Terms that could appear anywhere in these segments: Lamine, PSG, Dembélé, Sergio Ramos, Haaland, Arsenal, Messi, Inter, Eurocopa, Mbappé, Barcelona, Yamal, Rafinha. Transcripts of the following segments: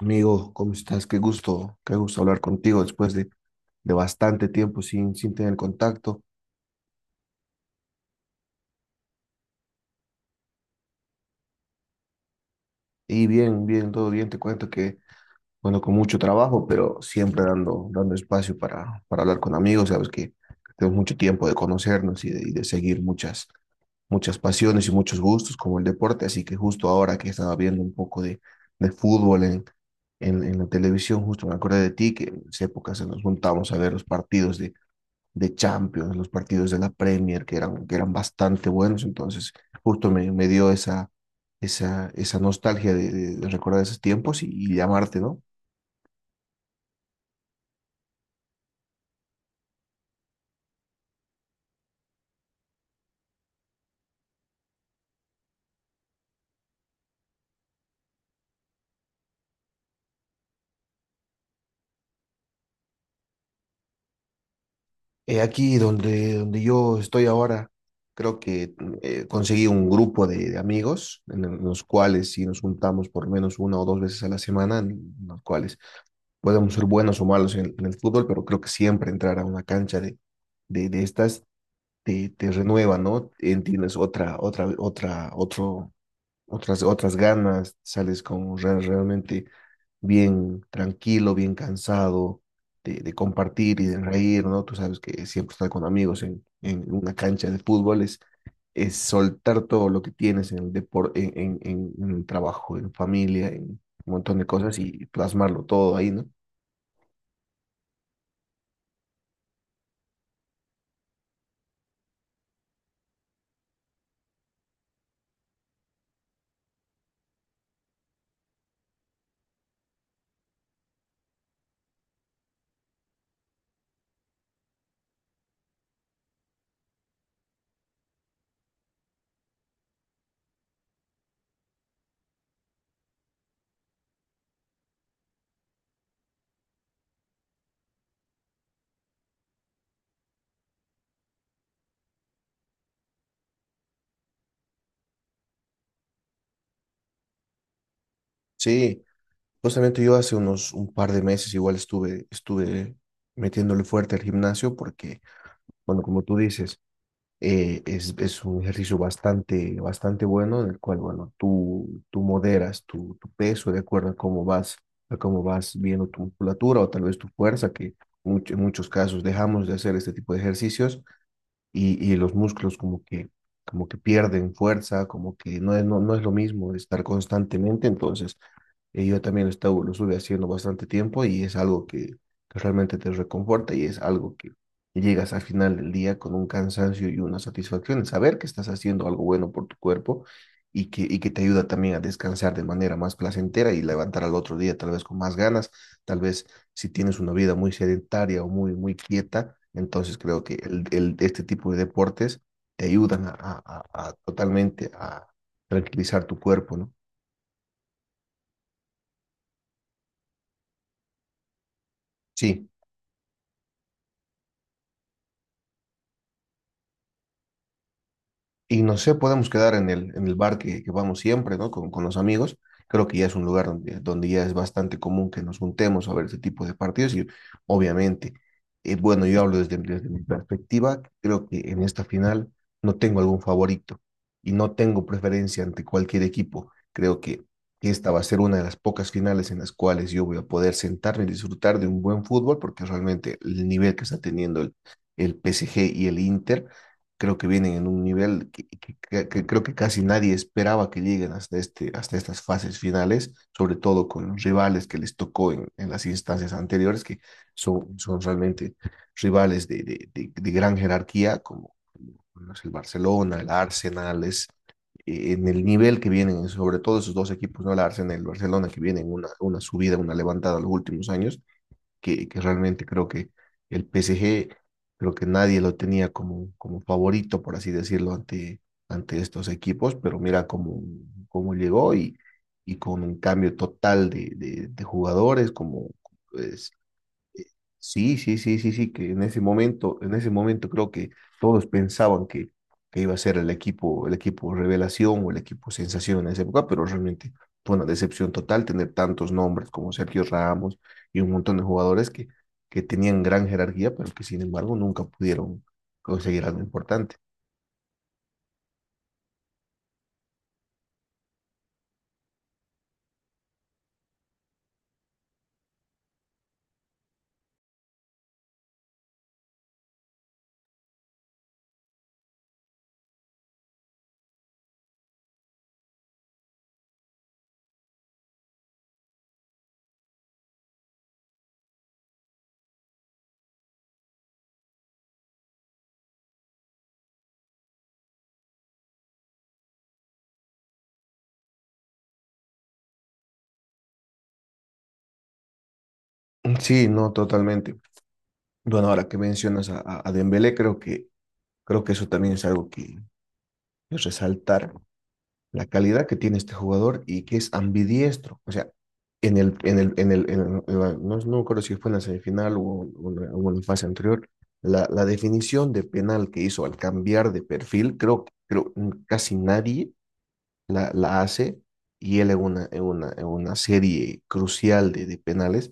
Amigo, ¿cómo estás? Qué gusto hablar contigo después de bastante tiempo sin tener contacto. Y bien, bien, todo bien. Te cuento que, bueno, con mucho trabajo, pero siempre dando espacio para hablar con amigos. Sabes que tenemos mucho tiempo de conocernos y de seguir muchas, muchas pasiones y muchos gustos como el deporte. Así que justo ahora que estaba viendo un poco de fútbol en la televisión, justo me acordé de ti, que en esa época se nos juntamos a ver los partidos de Champions, los partidos de la Premier, que eran bastante buenos, entonces justo me dio esa nostalgia de, de recordar esos tiempos y llamarte, ¿no? Aquí donde yo estoy ahora, creo que conseguí un grupo de amigos en, en los cuales si nos juntamos por lo menos una o dos veces a la semana, en los cuales podemos ser buenos o malos en el fútbol, pero creo que siempre entrar a una cancha de, de estas te renueva, ¿no? En tienes otra, otra, otra, otro, otras, otras ganas, sales con realmente bien tranquilo, bien cansado de compartir y de reír, ¿no? Tú sabes que siempre estar con amigos en una cancha de fútbol es soltar todo lo que tienes en el deporte, en el trabajo, en familia, en un montón de cosas y plasmarlo todo ahí, ¿no? Sí. Justamente yo hace unos un par de meses igual estuve metiéndole fuerte al gimnasio porque, bueno, como tú dices, es un ejercicio bastante, bastante bueno en el cual, bueno, tú moderas tu, tu peso de acuerdo a cómo vas viendo tu musculatura o tal vez tu fuerza, que en muchos casos dejamos de hacer este tipo de ejercicios y los músculos como que pierden fuerza, como que no es, no, no es lo mismo estar constantemente, entonces... yo también lo estuve haciendo bastante tiempo y es algo que realmente te reconforta y es algo que llegas al final del día con un cansancio y una satisfacción en saber que estás haciendo algo bueno por tu cuerpo y que te ayuda también a descansar de manera más placentera y levantar al otro día tal vez con más ganas, tal vez si tienes una vida muy sedentaria o muy, muy quieta, entonces creo que el, este tipo de deportes te ayudan a, a totalmente a tranquilizar tu cuerpo, ¿no? Sí. Y no sé, podemos quedar en el bar que vamos siempre, ¿no? Con los amigos. Creo que ya es un lugar donde, donde ya es bastante común que nos juntemos a ver ese tipo de partidos y obviamente, bueno, yo hablo desde, desde mi perspectiva, creo que en esta final no tengo algún favorito y no tengo preferencia ante cualquier equipo. Creo que esta va a ser una de las pocas finales en las cuales yo voy a poder sentarme y disfrutar de un buen fútbol porque realmente el nivel que está teniendo el PSG y el Inter creo que vienen en un nivel que, que creo que casi nadie esperaba que lleguen hasta este, hasta estas fases finales, sobre todo con los rivales que les tocó en las instancias anteriores, que son, son realmente rivales de, de gran jerarquía, como, como bueno, es el Barcelona, el Arsenal, es, en el nivel que vienen, sobre todo esos dos equipos, ¿no? El Arsenal y el Barcelona, que vienen una subida, una levantada los últimos años que realmente creo que el PSG, creo que nadie lo tenía como, como favorito, por así decirlo, ante, ante estos equipos, pero mira cómo, cómo llegó y con un cambio total de, de jugadores, como pues, sí, que en ese momento creo que todos pensaban que iba a ser el equipo revelación o el equipo sensación en esa época, pero realmente fue una decepción total tener tantos nombres como Sergio Ramos y un montón de jugadores que tenían gran jerarquía, pero que sin embargo nunca pudieron conseguir algo importante. Sí, no, totalmente. Bueno, ahora que mencionas a, a Dembélé, creo que eso también es algo que es resaltar la calidad que tiene este jugador y que es ambidiestro. O sea, en el, en el, en el, no, no me acuerdo si fue en la semifinal o en la fase anterior, la definición de penal que hizo al cambiar de perfil, creo que creo, casi nadie la hace y él en una, en una, en una serie crucial de penales,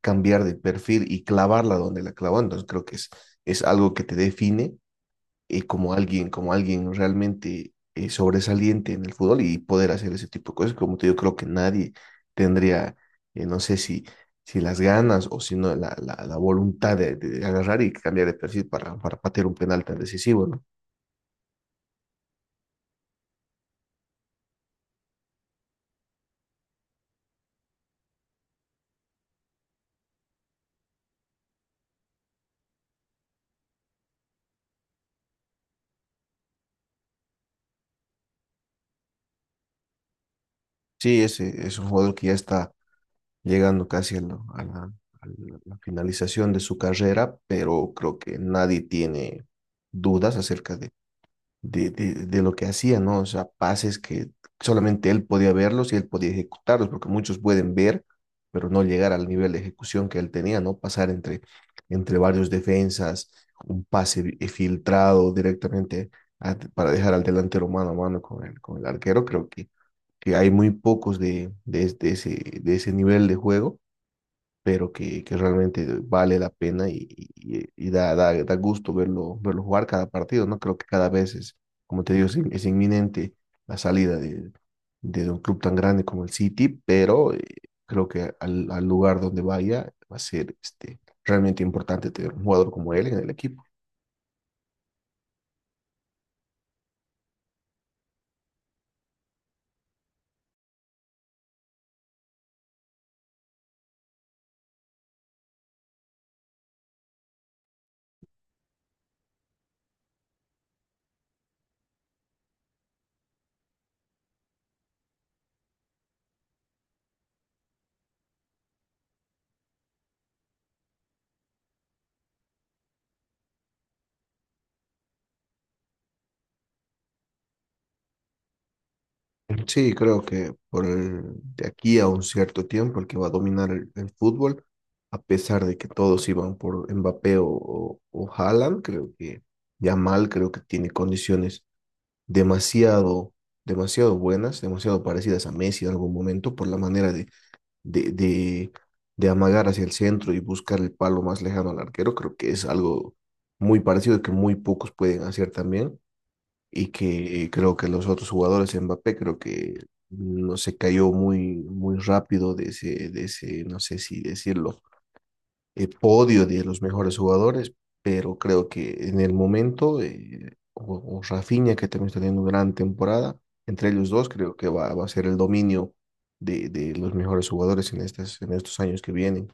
cambiar de perfil y clavarla donde la clavó. Entonces creo que es algo que te define como alguien realmente sobresaliente en el fútbol y poder hacer ese tipo de cosas. Como te digo, creo que nadie tendría, no sé si, si las ganas o si no la, la voluntad de agarrar y cambiar de perfil para patear un penal tan decisivo, ¿no? Sí, ese es un jugador que ya está llegando casi a la, a la, a la finalización de su carrera, pero creo que nadie tiene dudas acerca de lo que hacía, ¿no? O sea, pases que solamente él podía verlos y él podía ejecutarlos, porque muchos pueden ver, pero no llegar al nivel de ejecución que él tenía, ¿no? Pasar entre, entre varios defensas, un pase filtrado directamente para dejar al delantero mano a mano con el arquero, creo que hay muy pocos de ese nivel de juego pero que realmente vale la pena y, y da, da gusto verlo, verlo jugar cada partido, ¿no? Creo que cada vez es, como te digo, es, es inminente la salida de un club tan grande como el City, pero creo que al, al lugar donde vaya va a ser este, realmente importante tener un jugador como él en el equipo. Sí, creo que por de aquí a un cierto tiempo el que va a dominar el fútbol, a pesar de que todos iban por Mbappé o Haaland, creo que Yamal creo que tiene condiciones demasiado, demasiado buenas, demasiado parecidas a Messi en algún momento por la manera de, de, de, de amagar hacia el centro y buscar el palo más lejano al arquero. Creo que es algo muy parecido que muy pocos pueden hacer también y que creo que los otros jugadores, Mbappé, creo que no se cayó muy, muy rápido de ese, no sé si decirlo, podio de los mejores jugadores, pero creo que en el momento, o Rafinha, que también está teniendo gran temporada, entre ellos dos creo que va, va a ser el dominio de los mejores jugadores en estos años que vienen.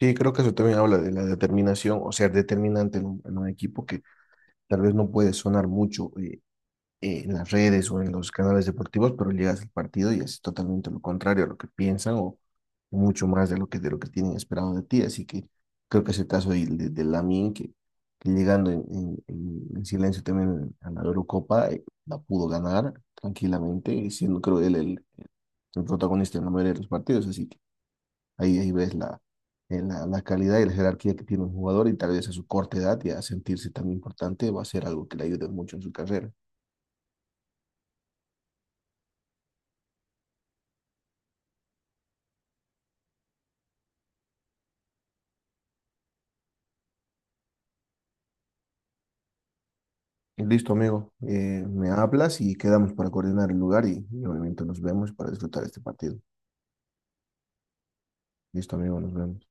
Sí, creo que eso también habla de la determinación o ser determinante en un equipo que tal vez no puede sonar mucho en las redes o en los canales deportivos, pero llegas al partido y es totalmente lo contrario a lo que piensan o mucho más de lo que tienen esperado de ti. Así que creo que es el caso de Lamine, que llegando en, en silencio también a la Eurocopa, la pudo ganar tranquilamente, y siendo creo él el protagonista en la mayoría de los partidos. Así que ahí, ahí ves la, la, la calidad y la jerarquía que tiene un jugador y tal vez a su corta edad y a sentirse tan importante va a ser algo que le ayude mucho en su carrera. Listo, amigo. Me hablas y quedamos para coordinar el lugar y obviamente nos vemos para disfrutar este partido. Listo, amigo, nos vemos.